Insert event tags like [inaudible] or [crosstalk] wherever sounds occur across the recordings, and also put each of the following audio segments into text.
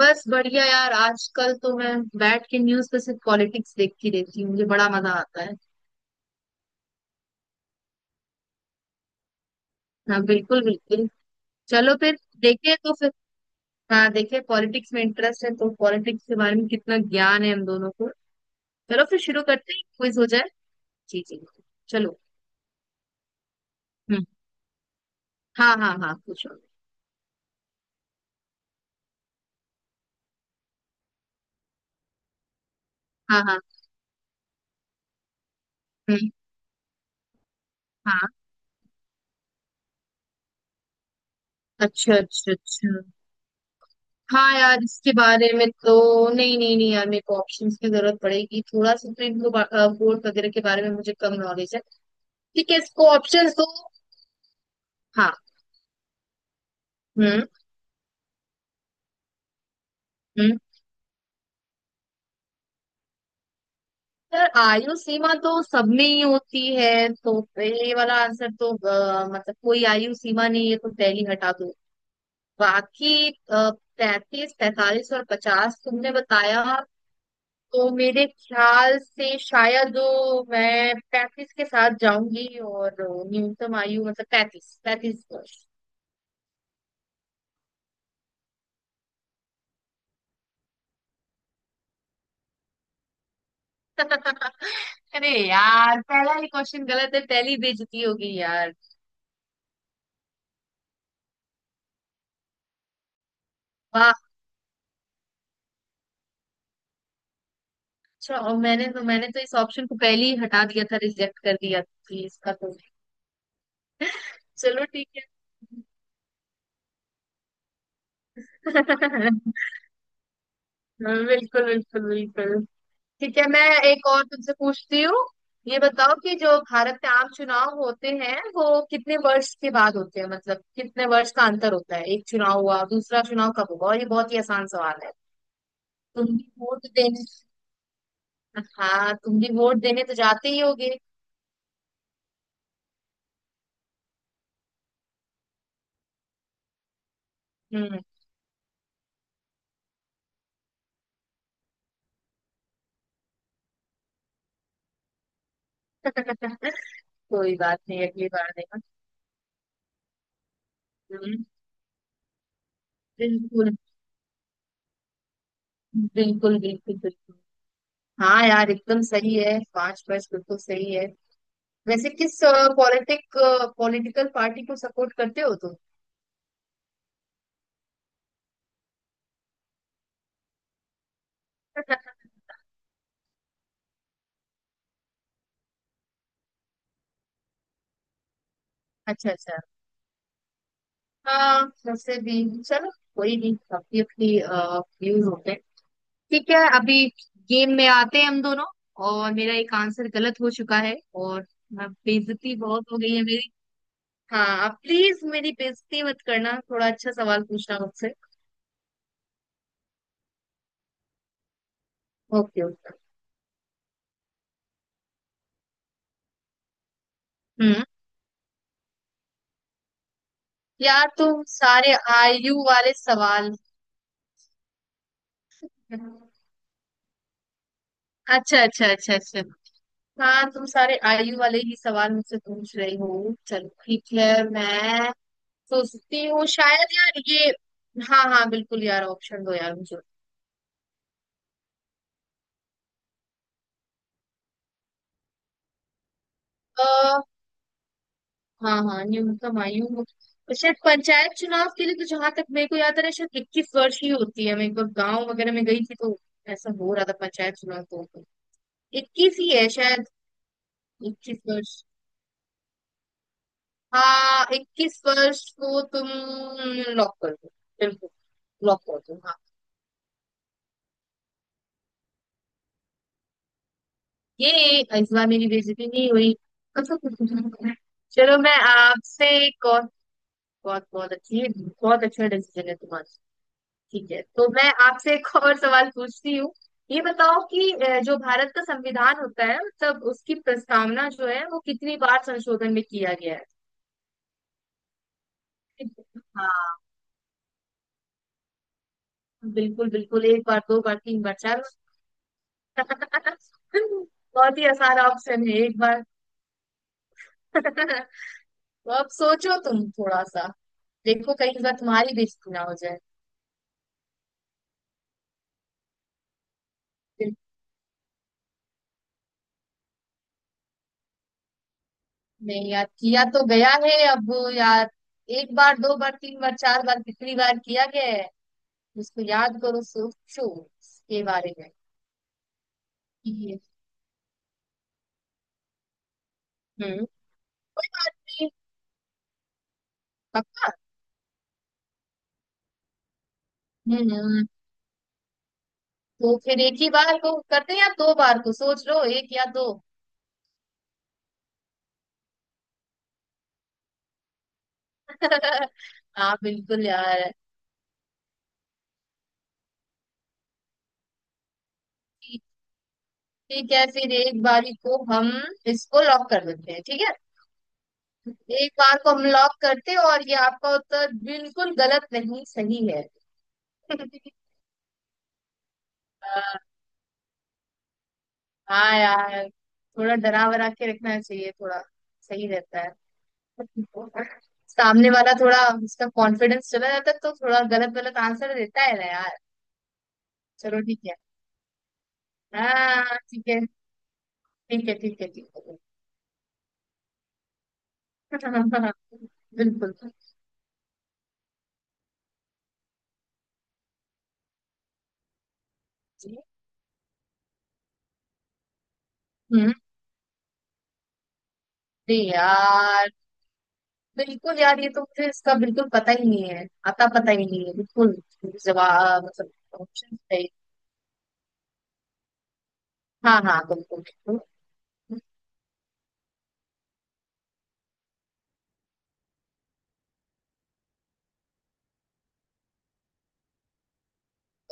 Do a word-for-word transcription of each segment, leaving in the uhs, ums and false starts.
बस बढ़िया यार आजकल तो मैं बैठ के न्यूज पे सिर्फ पॉलिटिक्स देखती रहती हूँ मुझे बड़ा मजा आता है। हाँ बिल्कुल बिल्कुल। चलो फिर देखे तो फिर। हाँ देखे पॉलिटिक्स में इंटरेस्ट है तो पॉलिटिक्स के बारे में कितना ज्ञान है हम दोनों को। चलो फिर शुरू करते हैं क्विज हो जाए। जी जी। चलो। हम्म। हाँ हाँ हाँ पूछो। हाँ हाँ। हम्म। हाँ। अच्छा अच्छा अच्छा। हाँ यार इसके बारे में तो। नहीं नहीं नहीं यार मेरे को ऑप्शंस की जरूरत पड़ेगी थोड़ा सा तो इनको बोर्ड वगैरह के बारे में मुझे कम नॉलेज है। ठीक है इसको ऑप्शन दो। हाँ। हम्म। हम्म। सर आयु सीमा तो सब में ही होती है। तो पहले वाला आंसर तो अ, मतलब कोई आयु सीमा नहीं है तो पहली हटा दो। बाकी पैंतीस पैंतालीस और पचास तुमने बताया। तो मेरे ख्याल से शायद अ, मैं पैंतीस के साथ जाऊंगी और अ, न्यूनतम आयु मतलब पैंतीस पैंतीस वर्ष। अरे यार पहला ही क्वेश्चन गलत है पहली बेइज्जती होगी यार। वाह। अच्छा और मैंने तो मैंने तो इस ऑप्शन को पहले ही हटा दिया था रिजेक्ट कर दिया थी इसका तो। चलो ठीक है। [laughs] बिल्कुल बिल्कुल बिल्कुल। ठीक है मैं एक और तुमसे पूछती हूँ। ये बताओ कि जो भारत में आम चुनाव होते हैं वो कितने वर्ष के बाद होते हैं मतलब कितने वर्ष का अंतर होता है एक चुनाव हुआ दूसरा चुनाव कब होगा और ये बहुत ही आसान सवाल है। तुम भी वोट देने। [laughs] हाँ तुम भी वोट देने तो जाते ही होगे। हम्म। [laughs] कोई बात नहीं अगली बार देगा। हम्म। बिल्कुल बिल्कुल बिल्कुल बिल्कुल। हाँ यार एकदम सही है पांच पांच बिल्कुल सही है। वैसे किस पॉलिटिक पॉलिटिकल पार्टी को सपोर्ट करते हो तुम। [laughs] अच्छा अच्छा। हाँ वैसे भी चलो कोई नहीं अपनी अपनी व्यूज होते हैं। ठीक है अभी गेम में आते हैं हम दोनों और मेरा एक आंसर गलत हो चुका है और अब बेइज्जती बहुत हो गई है मेरी। हाँ प्लीज मेरी बेइज्जती मत करना थोड़ा अच्छा सवाल पूछना मुझसे। Okay okay. हम्म। यार तुम सारे आयु वाले सवाल। अच्छा अच्छा अच्छा अच्छा। हाँ तुम सारे आयु वाले ही सवाल मुझसे पूछ रही हो चलो ठीक है मैं सोचती हूँ शायद यार ये। हाँ हाँ बिल्कुल यार ऑप्शन दो यार मुझे। आ, हाँ हाँ न्यूनतम आयु हो तो शायद पंचायत चुनाव के लिए तो जहां तक मेरे को याद आ रहा है शायद इक्कीस वर्ष ही होती है मैं एक बार गाँव वगैरह में गई थी तो ऐसा हो रहा था पंचायत चुनाव तो इक्कीस ही है शायद। इक्कीस वर्ष। हाँ इक्कीस वर्ष को तुम लॉक कर दो बिल्कुल। लॉक कर दो हाँ। ये इस बार मेरी बेइज्जती नहीं हुई। चलो मैं आपसे एक और। बहुत बहुत अच्छी है। बहुत अच्छा डिसीजन है तुम्हारा। ठीक है तो मैं आपसे एक और सवाल पूछती हूँ। ये बताओ कि अ, जो भारत का संविधान होता है मतलब उसकी प्रस्तावना जो है वो कितनी बार संशोधन में किया गया है। हाँ बिल्कुल बिल्कुल एक बार दो बार तीन बार चार बार। बहुत ही आसान ऑप्शन है एक बार। [laughs] तो अब सोचो तुम थोड़ा सा देखो कहीं इस बार तुम्हारी बेइज्जती ना हो जाए। फिर- नहीं यार किया तो गया है अब। यार एक बार दो बार तीन बार चार बार कितनी बार किया गया है उसको याद करो सोचो इसके बारे में। ये- हम्म। आदमी- पक्का। हम्म। तो फिर एक ही बार को करते हैं या दो बार को सोच लो एक या दो। [laughs] हाँ बिल्कुल यार। ठीक है फिर एक बारी को हम इसको लॉक कर देते हैं ठीक है। एक बार को हम लॉक करते हैं और ये आपका उत्तर बिल्कुल गलत नहीं सही है। [laughs] आ, हाँ यार थोड़ा डरा वरा के रखना चाहिए थोड़ा सही रहता है सामने वाला थोड़ा उसका कॉन्फिडेंस चला जाता है तो थोड़ा गलत गलत आंसर देता है ना यार। चलो ठीक है। हाँ ठीक है ठीक है ठीक है ठीक है। [laughs] बिल्कुल। हम्म। अरे यार बिल्कुल यार ये तो मुझे इसका बिल्कुल पता ही नहीं है आता पता ही नहीं है बिल्कुल जवाब मतलब। ऑप्शन है। हाँ हाँ बिल्कुल बिल्कुल।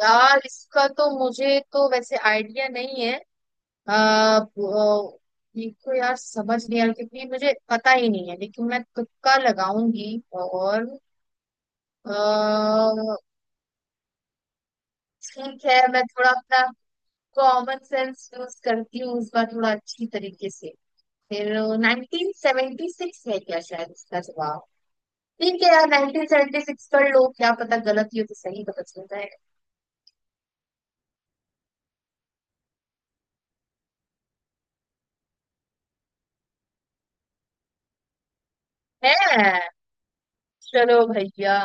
यार इसका तो मुझे तो वैसे आइडिया नहीं है। आ, देखो यार समझ नहीं आ रहा क्योंकि मुझे पता ही नहीं है लेकिन मैं तुक्का लगाऊंगी और। अ, ठीक है मैं थोड़ा अपना कॉमन सेंस यूज करती हूँ इस बार थोड़ा अच्छी तरीके से फिर नाइनटीन सेवेंटी सिक्स है क्या शायद इसका जवाब। ठीक है यार नाइनटीन सेवेंटी सिक्स कर लो क्या पता गलत ही हो तो सही पता चल जाएगा। है। चलो भैया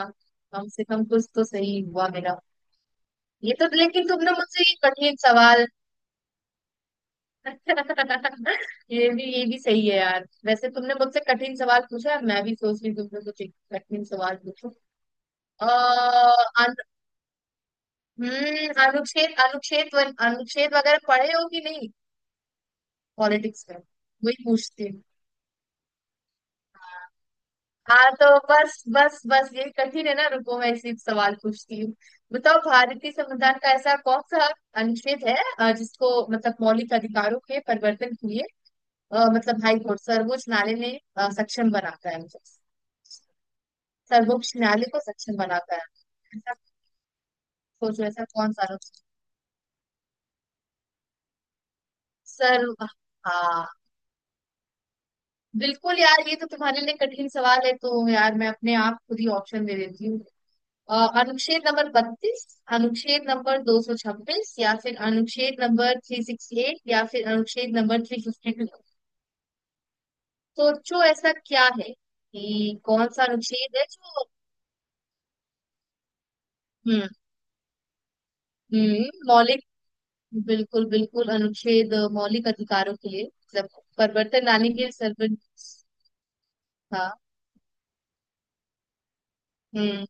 कम से कम कुछ तो सही हुआ मेरा। ये तो लेकिन तुमने मुझसे ये कठिन सवाल। [laughs] ये भी ये भी सही है यार वैसे तुमने मुझसे कठिन सवाल पूछा है मैं भी सोच रही हूँ तुमने कुछ एक कठिन सवाल पूछो। अः अनु, हम्म, अनुच्छेद अनुच्छेद व- अनुच्छेद वगैरह पढ़े हो कि नहीं। पॉलिटिक्स में वही पूछती। हाँ तो बस बस बस ये कठिन है ना रुको मैं इसी सवाल पूछती हूँ। बताओ भारतीय संविधान का ऐसा कौन सा अनुच्छेद है अ, जिसको मतलब मौलिक अधिकारों के परिवर्तन के लिए अ, मतलब हाई कोर्ट सर्वोच्च न्यायालय ने अ, सक्षम बनाता है मुझे सर्वोच्च न्यायालय को सक्षम बनाता है ऐसा सोचो ऐसा कौन सा अनुच्छेद। सर्व हाँ बिल्कुल यार ये तो तुम्हारे लिए कठिन सवाल है तो यार मैं अपने आप खुद ही ऑप्शन दे देती हूँ। अ, अनुच्छेद नंबर बत्तीस अनुच्छेद नंबर दो सौ छब्बीस या फिर अनुच्छेद नंबर थ्री सिक्सटी एट या फिर अनुच्छेद नंबर थ्री फिफ्टी टू। सोचो ऐसा क्या है कि कौन सा अनुच्छेद है जो। हम्म। हम्म मौलिक बिल्कुल बिल्कुल अनुच्छेद मौलिक अधिकारों के लिए मतलब परिवर्तन लाने के लिए सर्वोच्च। हाँ। हम्म।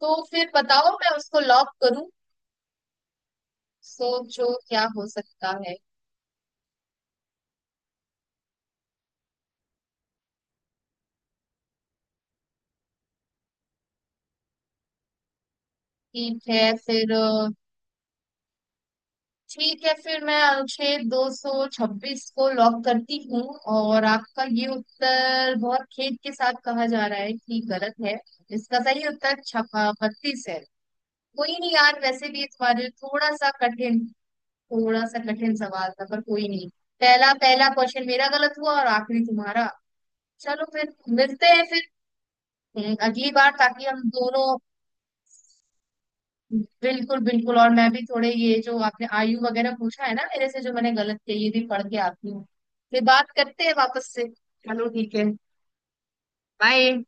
तो फिर बताओ मैं उसको लॉक करूं सोचो क्या हो सकता है। ठीक है फिर ठीक है फिर मैं अनुच्छेद दो सौ छब्बीस को लॉक करती हूँ और आपका ये उत्तर बहुत खेद के साथ कहा जा रहा है कि गलत है इसका सही उत्तर छपा बत्तीस है। कोई नहीं यार वैसे भी इस बार थोड़ा सा कठिन थोड़ा सा कठिन सवाल था पर कोई नहीं। पहला पहला क्वेश्चन मेरा गलत हुआ और आखिरी तुम्हारा। चलो फिर मिलते हैं फिर। हम्म, अगली बार ताकि हम दोनों। बिल्कुल बिल्कुल और मैं भी थोड़े ये जो आपने आयु वगैरह पूछा है ना मेरे से जो मैंने गलत किया ये भी पढ़ के आती हूँ। फिर बात करते हैं वापस से चलो ठीक है बाय।